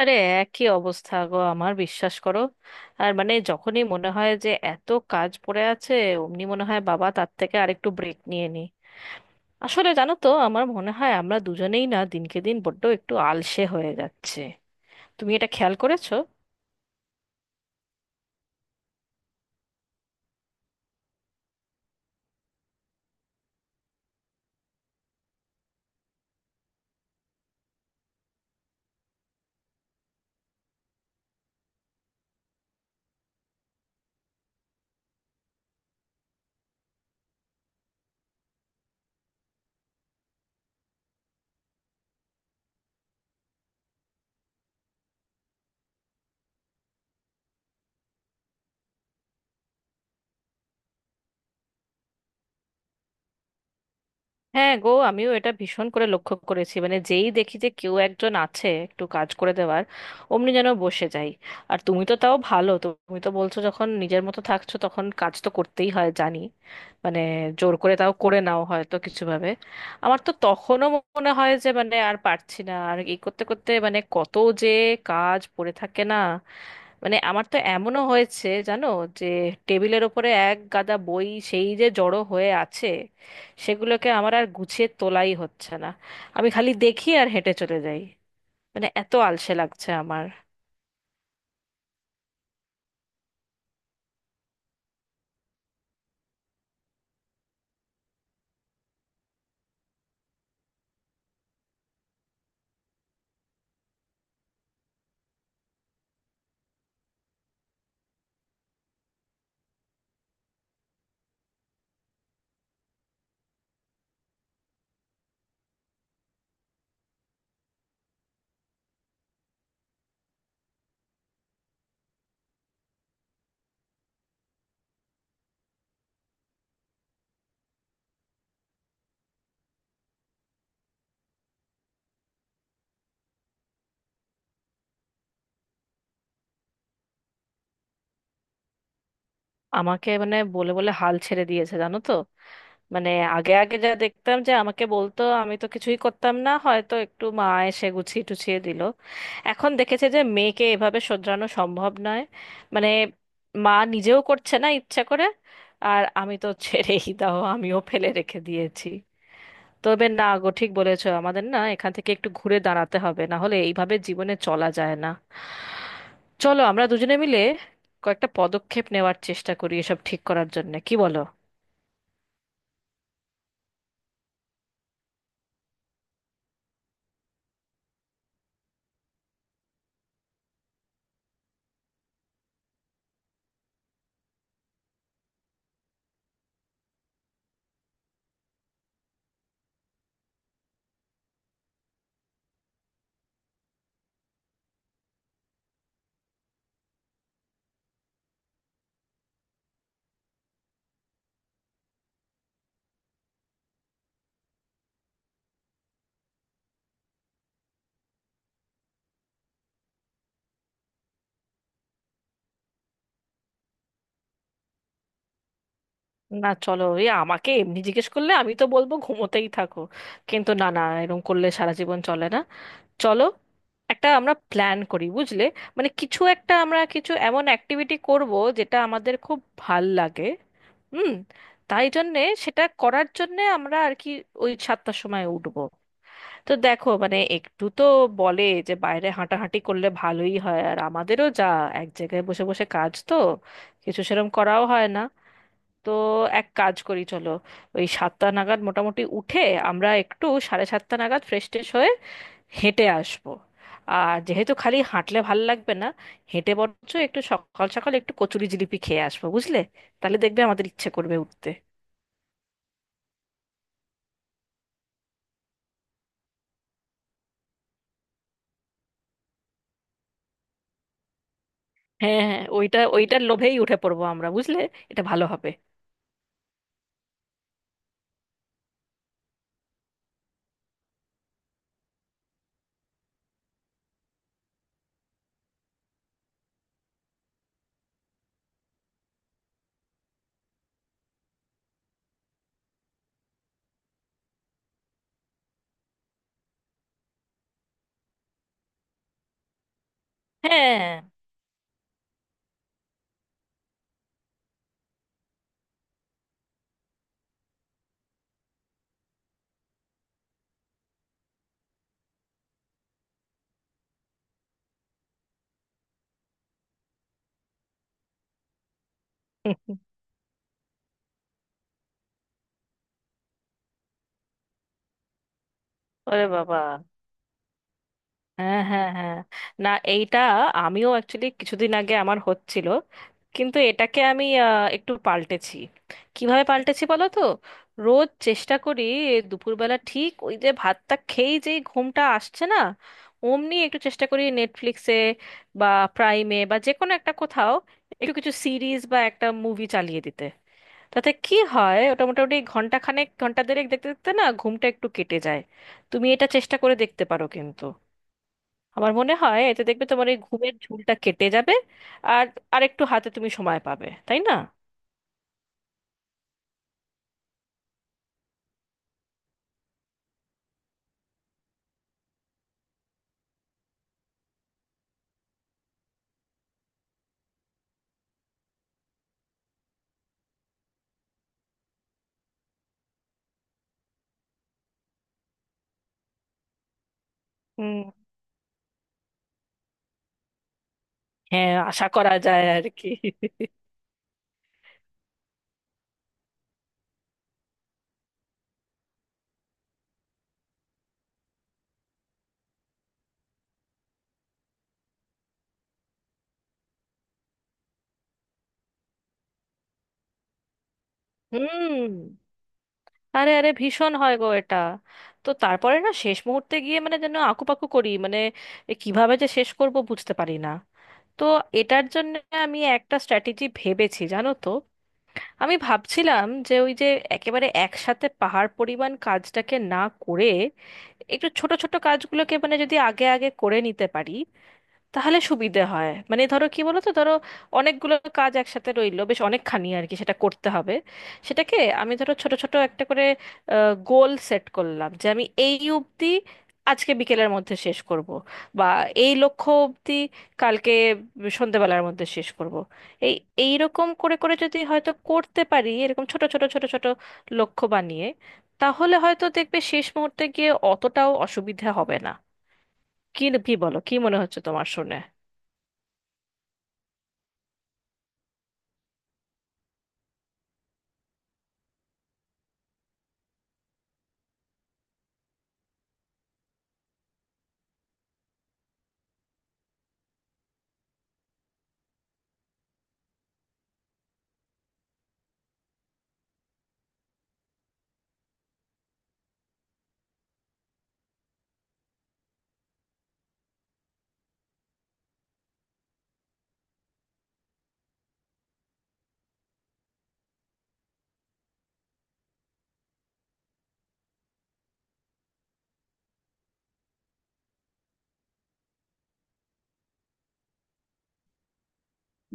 আরে, একই অবস্থা গো, আমার বিশ্বাস করো। আর মানে যখনই মনে হয় যে এত কাজ পড়ে আছে, অমনি মনে হয় বাবা তার থেকে আরেকটু ব্রেক নিয়ে নি। আসলে জানো তো, আমার মনে হয় আমরা দুজনেই না দিনকে দিন বড্ড একটু আলসে হয়ে যাচ্ছে। তুমি এটা খেয়াল করেছো? হ্যাঁ গো, আমিও এটা ভীষণ করে লক্ষ্য করেছি, মানে যেই দেখি যে কেউ একজন আছে একটু কাজ করে দেওয়ার, অমনি যেন বসে যাই। আর তুমি তো তাও ভালো, তুমি তো বলছো যখন নিজের মতো থাকছো তখন কাজ তো করতেই হয় জানি, মানে জোর করে তাও করে নাও হয়তো কিছু ভাবে। আমার তো তখনও মনে হয় যে মানে আর পারছি না, আর এই করতে করতে মানে কত যে কাজ পড়ে থাকে না। মানে আমার তো এমনও হয়েছে জানো, যে টেবিলের ওপরে এক গাদা বই সেই যে জড়ো হয়ে আছে, সেগুলোকে আমার আর গুছিয়ে তোলাই হচ্ছে না। আমি খালি দেখি আর হেঁটে চলে যাই, মানে এত আলসে লাগছে আমার। আমাকে মানে বলে বলে হাল ছেড়ে দিয়েছে জানো তো। মানে আগে আগে যা দেখতাম যে আমাকে বলতো, আমি তো কিছুই করতাম না, হয়তো একটু মা এসে গুছিয়ে টুছিয়ে দিল। এখন দেখেছে যে মেয়েকে এভাবে শোধরানো সম্ভব নয়। মানে মা নিজেও করছে না ইচ্ছা করে। আর আমি তো ছেড়েই দাও, আমিও ফেলে রেখে দিয়েছি। তবে না গো, ঠিক বলেছো, আমাদের না এখান থেকে একটু ঘুরে দাঁড়াতে হবে, না হলে এইভাবে জীবনে চলা যায় না। চলো আমরা দুজনে মিলে কয়েকটা পদক্ষেপ নেওয়ার চেষ্টা করি এসব ঠিক করার জন্য, কি বলো? না, চলো, এ আমাকে এমনি জিজ্ঞেস করলে আমি তো বলবো ঘুমোতেই থাকো, কিন্তু না না, এরকম করলে সারা জীবন চলে না। চলো একটা আমরা প্ল্যান করি বুঝলে। মানে কিছু একটা, আমরা কিছু এমন অ্যাক্টিভিটি করব যেটা আমাদের খুব ভাল লাগে। হুম। তাই জন্যে সেটা করার জন্যে আমরা আর কি ওই সাতটার সময় উঠবো। তো দেখো মানে একটু তো বলে যে বাইরে হাঁটাহাঁটি করলে ভালোই হয়, আর আমাদেরও যা এক জায়গায় বসে বসে কাজ তো কিছু সেরকম করাও হয় না। তো এক কাজ করি চলো, ওই সাতটা নাগাদ মোটামুটি উঠে আমরা একটু সাড়ে সাতটা নাগাদ ফ্রেশ ট্রেশ হয়ে হেঁটে আসবো। আর যেহেতু খালি হাঁটলে ভাল লাগবে না, হেঁটে বরঞ্চ একটু সকাল সকাল একটু কচুরি জিলিপি খেয়ে আসবো বুঝলে। তাহলে দেখবে আমাদের ইচ্ছে করবে উঠতে। হ্যাঁ হ্যাঁ, ওইটা ওইটার লোভেই উঠে পড়বো আমরা বুঝলে। এটা ভালো হবে। হ্যাঁ। ওরে বাবা। হ্যাঁ হ্যাঁ হ্যাঁ, না এইটা আমিও অ্যাকচুয়ালি কিছুদিন আগে আমার হচ্ছিল। কিন্তু এটাকে আমি একটু পাল্টেছি। কিভাবে পাল্টেছি বলো তো। রোজ চেষ্টা করি দুপুরবেলা ঠিক ওই যে ভাতটা খেয়েই যেই ঘুমটা আসছে না, অমনি একটু চেষ্টা করি নেটফ্লিক্সে বা প্রাইমে বা যে কোনো একটা কোথাও একটু কিছু সিরিজ বা একটা মুভি চালিয়ে দিতে। তাতে কি হয়, ওটা মোটামুটি ঘন্টা খানেক ঘন্টা দেড়েক দেখতে দেখতে না ঘুমটা একটু কেটে যায়। তুমি এটা চেষ্টা করে দেখতে পারো কিন্তু। আমার মনে হয় এতে দেখবে তোমার এই ঘুমের ঝুলটা কেটে যাবে। আর আর একটু হাতে তুমি সময় পাবে, তাই না। হুম। হ্যাঁ, আশা করা যায় আর কি। হুম। আরে আরে, ভীষণ হয় গো এটা। তো তারপরে না শেষ মুহূর্তে গিয়ে মানে যেন আকুপাকু করি, মানে এ কিভাবে যে শেষ করব বুঝতে পারি না। তো এটার জন্য আমি একটা স্ট্র্যাটেজি ভেবেছি জানো তো। আমি ভাবছিলাম যে ওই যে একেবারে একসাথে পাহাড় পরিমাণ কাজটাকে না করে একটু ছোট ছোট কাজগুলোকে মানে যদি আগে আগে করে নিতে পারি তাহলে সুবিধে হয়। মানে ধরো, কি বলো তো, ধরো অনেকগুলো কাজ একসাথে রইলো বেশ অনেকখানি আর কি, সেটা করতে হবে। সেটাকে আমি ধরো ছোট ছোট একটা করে গোল সেট করলাম যে আমি এই অবধি আজকে বিকেলের মধ্যে শেষ করব, বা এই লক্ষ্য অবধি কালকে সন্ধ্যেবেলার মধ্যে শেষ করব। এই এই রকম করে করে যদি হয়তো করতে পারি এরকম ছোট ছোট ছোট ছোট লক্ষ্য বানিয়ে, তাহলে হয়তো দেখবে শেষ মুহূর্তে গিয়ে অতটাও অসুবিধা হবে না। কি কি বলো, কি মনে হচ্ছে তোমার শুনে?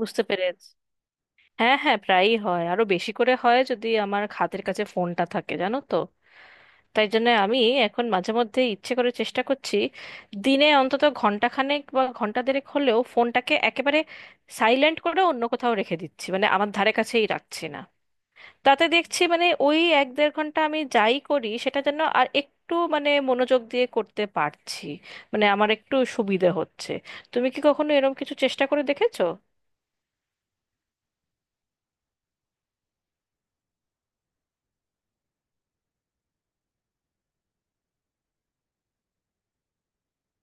বুঝতে পেরেছি। হ্যাঁ হ্যাঁ, প্রায়ই হয়, আরো বেশি করে হয় যদি আমার হাতের কাছে ফোনটা থাকে জানো তো। তাই জন্য আমি এখন মাঝে মধ্যে ইচ্ছে করে চেষ্টা করছি দিনে অন্তত ঘন্টাখানেক বা ঘন্টা দেড়েক হলেও ফোনটাকে একেবারে সাইলেন্ট করে অন্য কোথাও রেখে দিচ্ছি, মানে আমার ধারে কাছেই রাখছি না। তাতে দেখছি মানে ওই এক দেড় ঘন্টা আমি যাই করি সেটা যেন আর একটু মানে মনোযোগ দিয়ে করতে পারছি, মানে আমার একটু সুবিধে হচ্ছে। তুমি কি কখনো এরকম কিছু চেষ্টা করে দেখেছো?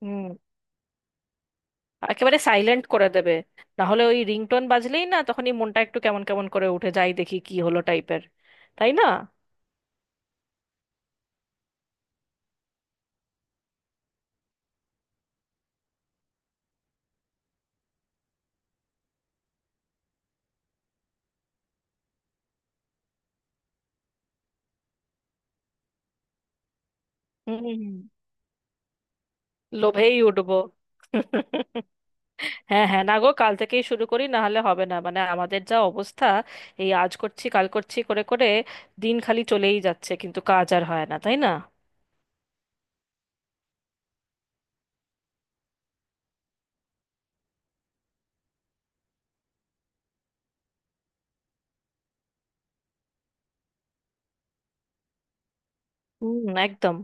হুম। একেবারে সাইলেন্ট করে দেবে, না হলে ওই রিংটোন বাজলেই না তখনই মনটা একটু কেমন কেমন করে উঠে যাই দেখি কি হলো টাইপের, তাই না। হুম হুম, হুম। লোভেই উঠবো। হ্যাঁ হ্যাঁ, না গো, কাল থেকেই শুরু করি, না হলে হবে না, মানে আমাদের যা অবস্থা। এই আজ করছি কাল করছি করে করে দিন খালি চলেই যাচ্ছে, কিন্তু কাজ আর হয় না, তাই না। হুম একদম।